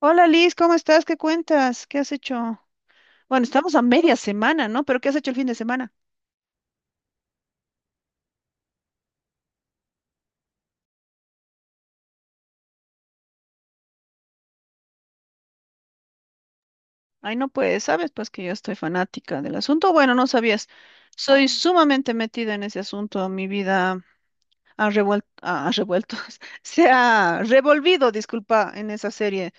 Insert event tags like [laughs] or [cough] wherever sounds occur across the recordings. Hola Liz, ¿cómo estás? ¿Qué cuentas? ¿Qué has hecho? Bueno, estamos a media semana, ¿no? Pero ¿qué has hecho el fin de semana? Ay, no puedes, sabes, pues que yo estoy fanática del asunto. Bueno, no sabías. Soy sumamente metida en ese asunto. Mi vida ha revuelto, [laughs] se ha revolvido, disculpa, en esa serie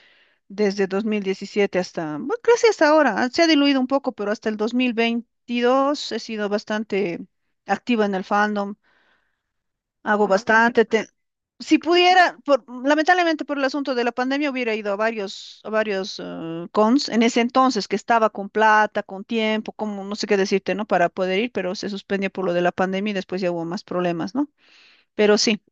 desde 2017 hasta, bueno, casi hasta ahora. Se ha diluido un poco, pero hasta el 2022 he sido bastante activa en el fandom. Hago ah, bastante. Te- Si sí. Pudiera, por- lamentablemente por el asunto de la pandemia hubiera ido a varios, cons en ese entonces que estaba con plata, con tiempo, como no sé qué decirte, ¿no? Para poder ir, pero se suspendió por lo de la pandemia y después ya hubo más problemas, ¿no? Pero sí.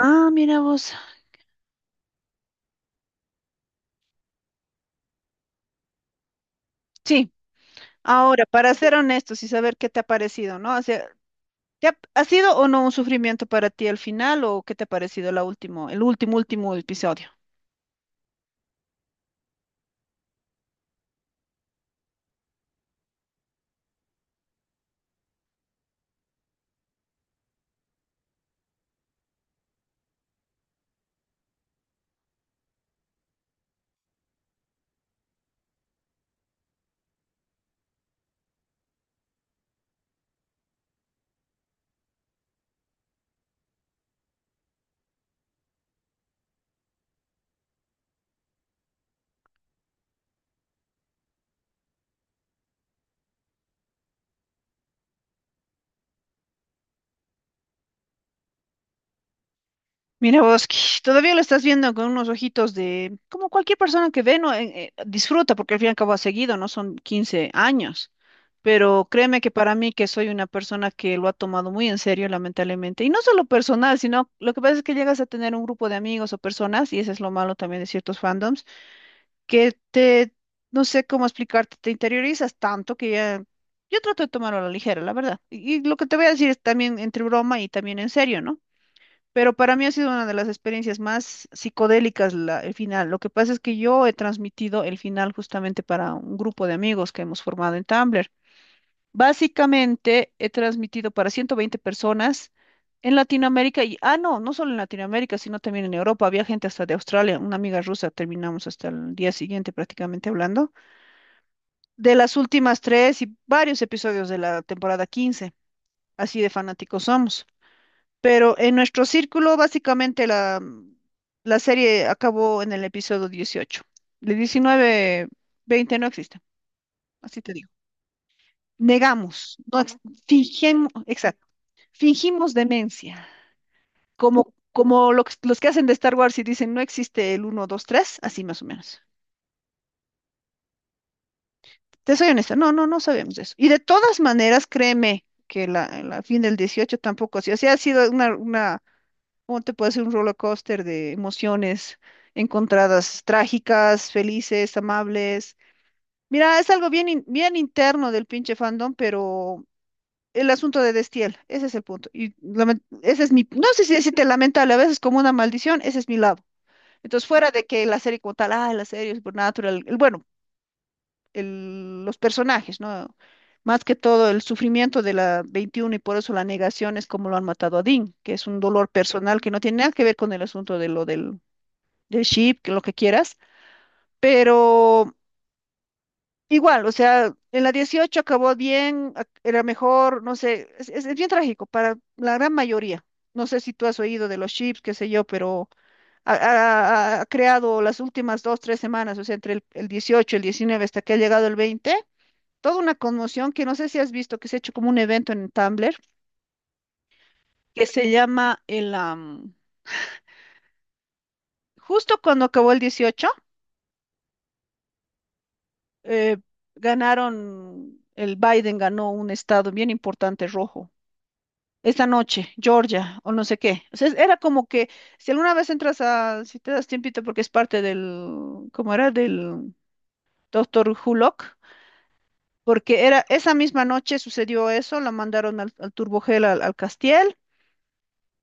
Ah, mira vos. Sí. Ahora, para ser honestos y saber qué te ha parecido, ¿no? O sea, ¿te ha, ha sido o no un sufrimiento para ti al final o qué te ha parecido el último episodio? Mira vos, que [laughs] todavía lo estás viendo con unos ojitos de, como cualquier persona que ve, ¿no? Disfruta, porque al fin y al cabo ha seguido, ¿no? Son 15 años. Pero créeme que para mí, que soy una persona que lo ha tomado muy en serio, lamentablemente, y no solo personal, sino lo que pasa es que llegas a tener un grupo de amigos o personas, y ese es lo malo también de ciertos fandoms, que te, no sé cómo explicarte, te interiorizas tanto que ya, yo trato de tomarlo a la ligera, la verdad. Y lo que te voy a decir es también entre broma y también en serio, ¿no? Pero para mí ha sido una de las experiencias más psicodélicas la- el final. Lo que pasa es que yo he transmitido el final justamente para un grupo de amigos que hemos formado en Tumblr. Básicamente he transmitido para 120 personas en Latinoamérica y, ah, no, no solo en Latinoamérica, sino también en Europa. Había gente hasta de Australia, una amiga rusa, terminamos hasta el día siguiente prácticamente hablando, de las últimas tres y varios episodios de la temporada 15. Así de fanáticos somos. Pero en nuestro círculo, básicamente la serie acabó en el episodio 18. El 19, 20 no existe, así te digo. Negamos, no ex- fingimos, exacto, fingimos demencia, como, como lo que- los que hacen de Star Wars y dicen no existe el 1, 2, 3, así más o menos. Te soy honesta, no, no, no sabemos de eso. Y de todas maneras, créeme que la fin del 18 tampoco ha sido, o sea, ha sido una ¿cómo te puede ser un roller coaster de emociones encontradas, trágicas, felices, amables? Mira, es algo bien, in- bien interno del pinche fandom, pero el asunto de Destiel, ese es el punto. Y lament- ese es mi, no sé si decirte lamentable, a veces como una maldición, ese es mi lado. Entonces, fuera de que la serie como tal, ah, la serie es natural, el, bueno, el- los personajes, ¿no? Más que todo el sufrimiento de la 21 y por eso la negación es como lo han matado a Dean, que es un dolor personal que no tiene nada que ver con el asunto de lo del de ship, que lo que quieras, pero igual, o sea, en la 18 acabó bien, ac- era mejor, no sé, es bien trágico para la gran mayoría. No sé si tú has oído de los chips, qué sé yo, pero ha creado las últimas dos, tres semanas, o sea, entre el 18 y el 19 hasta que ha llegado el 20 toda una conmoción que no sé si has visto, que se ha hecho como un evento en Tumblr, que se llama el... am, justo cuando acabó el 18 eh, ganaron, el Biden ganó un estado bien importante rojo. Esta noche, Georgia, o no sé qué. O sea, era como que, si alguna vez entras a, si te das tiempito, porque es parte del, ¿cómo era? Del doctor Hulock, porque era, esa misma noche sucedió eso, la mandaron al, al Turbogel, al, al Castiel,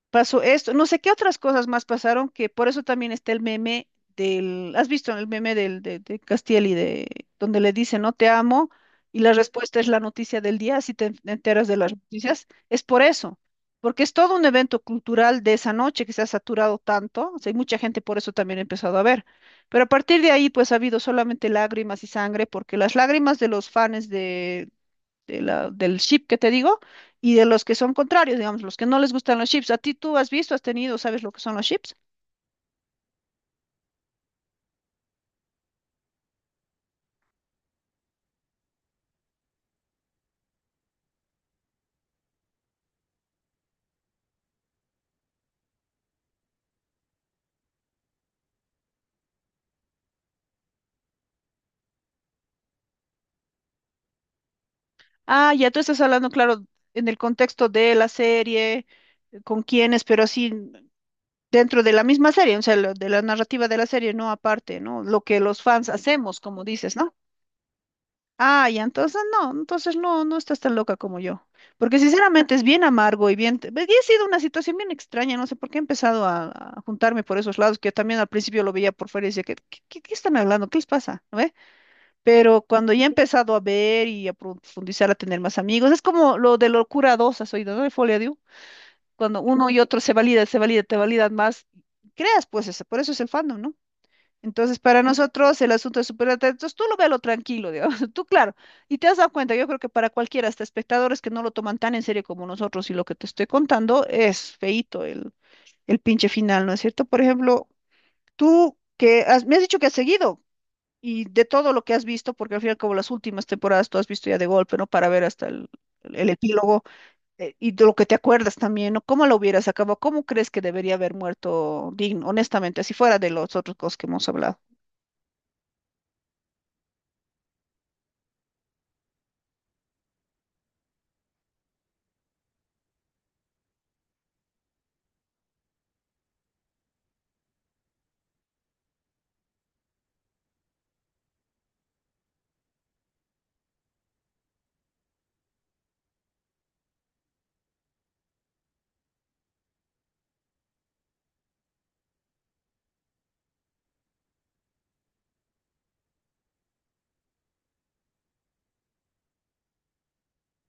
pasó esto, no sé qué otras cosas más pasaron, que por eso también está el meme del, ¿has visto el meme del, de Castiel y de, donde le dice, no te amo, y la respuesta es la noticia del día, si te en- enteras de las noticias, es por eso, porque es todo un evento cultural de esa noche que se ha saturado tanto, o sea, hay mucha gente por eso también ha empezado a ver, pero a partir de ahí pues ha habido solamente lágrimas y sangre, porque las lágrimas de los fans de la- del chip que te digo, y de los que son contrarios, digamos, los que no les gustan los chips. ¿A ti tú has visto, has tenido, sabes lo que son los chips? Ah, ya tú estás hablando, claro, en el contexto de la serie, con quiénes, pero así dentro de la misma serie, o sea, lo- de la narrativa de la serie, no aparte, ¿no? Lo que los fans hacemos, como dices, ¿no? Ah, ya, entonces no, no estás tan loca como yo. Porque sinceramente es bien amargo y bien... pues, y ha sido una situación bien extraña, no sé por qué he empezado a juntarme por esos lados, que yo también al principio lo veía por fuera y decía, ¿Qué están hablando? ¿Qué les pasa? ¿No ve? Pero cuando ya he empezado a ver y a profundizar, a tener más amigos, es como lo de locura dos, has oído, ¿no? De Folia Diu. Cuando uno y otro se valida, te validan más, creas pues eso, por eso es el fandom, ¿no? Entonces, para nosotros el asunto es súper atractivo. Entonces, tú lo véalo tranquilo, digamos. [laughs] Tú, claro. Y te has dado cuenta, yo creo que para cualquiera, hasta espectadores que no lo toman tan en serio como nosotros y lo que te estoy contando, es feíto el pinche final, ¿no es cierto? Por ejemplo, tú que has- me has dicho que has seguido y de todo lo que has visto, porque al final como las últimas temporadas tú has visto ya de golpe, ¿no? Para ver hasta el epílogo y de lo que te acuerdas también, ¿no? ¿Cómo lo hubieras acabado? ¿Cómo crees que debería haber muerto Dean, honestamente, si fuera de los otros cosas que hemos hablado?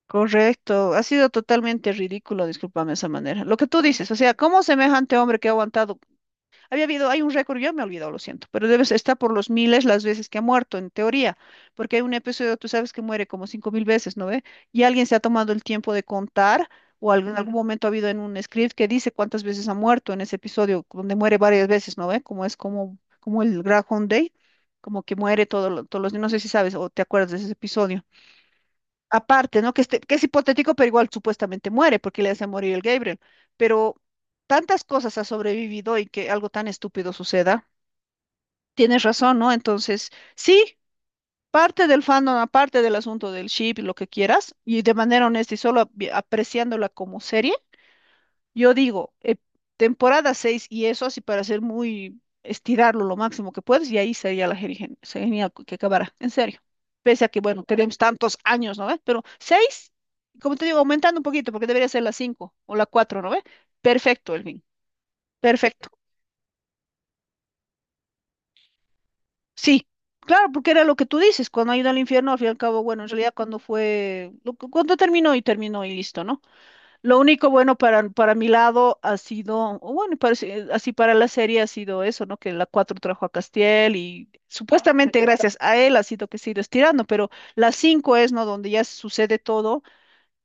Correcto, ha sido totalmente ridículo, discúlpame de esa manera. Lo que tú dices, o sea, ¿cómo semejante hombre que ha aguantado? Había habido, hay un récord, yo me he olvidado, lo siento, pero debe estar por los miles las veces que ha muerto, en teoría, porque hay un episodio, tú sabes que muere como 5000 veces, ¿no ve? Y alguien se ha tomado el tiempo de contar, o algún- en algún momento ha habido en un script que dice cuántas veces ha muerto en ese episodio, donde muere varias veces, ¿no ve? Como es como, como el Groundhog Day, como que muere todo, lo- todos los días, no sé si sabes o te acuerdas de ese episodio aparte, ¿no? Que, este- que es hipotético, pero igual supuestamente muere porque le hace morir el Gabriel. Pero tantas cosas ha sobrevivido y que algo tan estúpido suceda. Tienes razón, ¿no? Entonces, sí, parte del fandom, aparte del asunto del ship y lo que quieras, y de manera honesta y solo ap- apreciándola como serie. Yo digo, temporada 6 y eso así para ser muy estirarlo lo máximo que puedes y ahí sería la genial, genial que acabará, en serio. Pese a que, bueno, tenemos tantos años, ¿no ves? Pero 6 como te digo, aumentando un poquito porque debería ser la 5 o la cuatro, ¿no ves? Perfecto, Elvin, perfecto. Sí, claro, porque era lo que tú dices, cuando ha ido al infierno, al fin y al cabo, bueno, en realidad cuando fue, lo que- cuando terminó y terminó y listo, ¿no? Lo único bueno para mi lado ha sido, o bueno, parece- así para la serie ha sido eso, ¿no? Que la 4 trajo a Castiel y supuestamente gracias a él ha sido que se ha ido estirando, pero la 5 es, ¿no? Donde ya sucede todo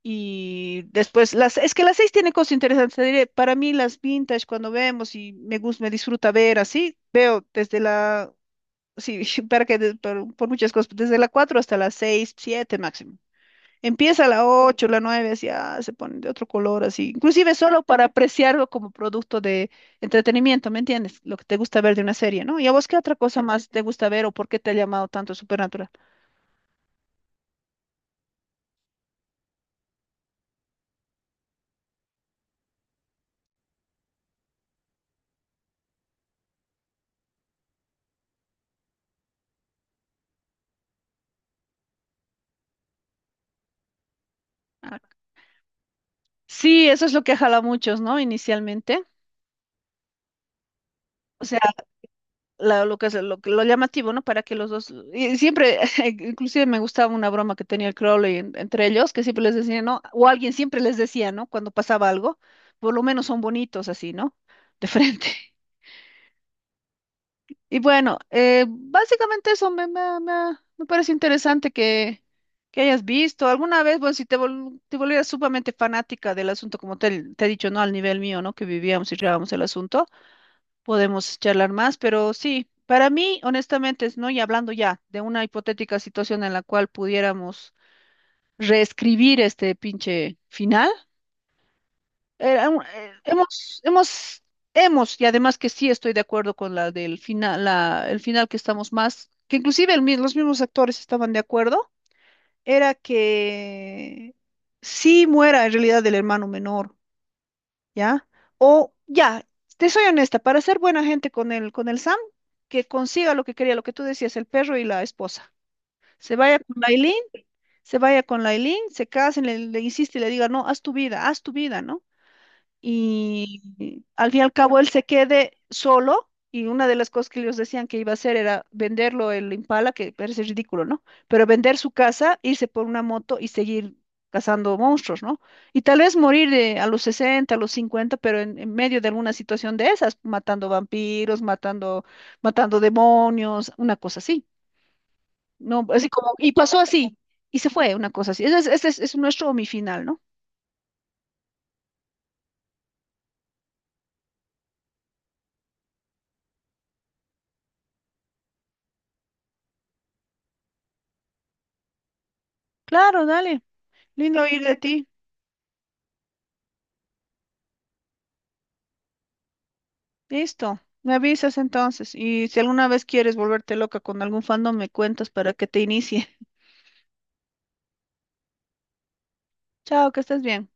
y después, las, es que la 6 tiene cosas interesantes. Te diré, para mí las vintage cuando vemos y me gusta, me disfruta ver así, veo desde la, sí, [laughs] para que, de- por muchas cosas, desde la 4 hasta la 6 7 máximo. Empieza a la 8 la 9 así ah, se pone de otro color, así. Inclusive solo para apreciarlo como producto de entretenimiento, ¿me entiendes? Lo que te gusta ver de una serie, ¿no? ¿Y a vos qué otra cosa más te gusta ver o por qué te ha llamado tanto Supernatural? Ah, sí, eso es lo que jala a muchos, ¿no? Inicialmente. O sea, la- lo que es lo llamativo, ¿no? Para que los dos. Y siempre, [laughs] inclusive me gustaba una broma que tenía el Crowley en- entre ellos, que siempre les decía, ¿no? O alguien siempre les decía, ¿no? Cuando pasaba algo, por lo menos son bonitos así, ¿no? De frente. Y bueno, básicamente eso me, me, me parece interesante que hayas visto. Alguna vez, bueno, si te, vol- te volvieras sumamente fanática del asunto, como te he dicho, ¿no? Al nivel mío, ¿no? Que vivíamos y llevábamos el asunto, podemos charlar más, pero sí, para mí, honestamente, es, ¿no? Y hablando ya de una hipotética situación en la cual pudiéramos reescribir este pinche final. Era un- hemos, y además que sí estoy de acuerdo con la del final, la, el final que estamos más, que inclusive el mi- los mismos actores estaban de acuerdo, era que sí muera en realidad el hermano menor, ¿ya? O ya, te soy honesta, para ser buena gente con el Sam, que consiga lo que quería, lo que tú decías, el perro y la esposa. Se vaya con la Aileen, se vaya con la Aileen, se casen, le insiste y le diga, no, haz tu vida, ¿no? Y al fin y al cabo él se quede solo y una de las cosas que ellos decían que iba a hacer era venderlo el Impala, que parece ridículo, ¿no? Pero vender su casa, irse por una moto y seguir cazando monstruos, ¿no? Y tal vez morir de a los 60 a los cincuenta, pero en medio de alguna situación de esas, matando vampiros, matando, matando demonios, una cosa así, ¿no? Así como, y pasó así, y se fue, una cosa así. Ese es, es nuestro mi final, ¿no? Claro, dale. Lindo oír de ti. Listo, me avisas entonces y si alguna vez quieres volverte loca con algún fandom, me cuentas para que te inicie. [laughs] Chao, que estés bien.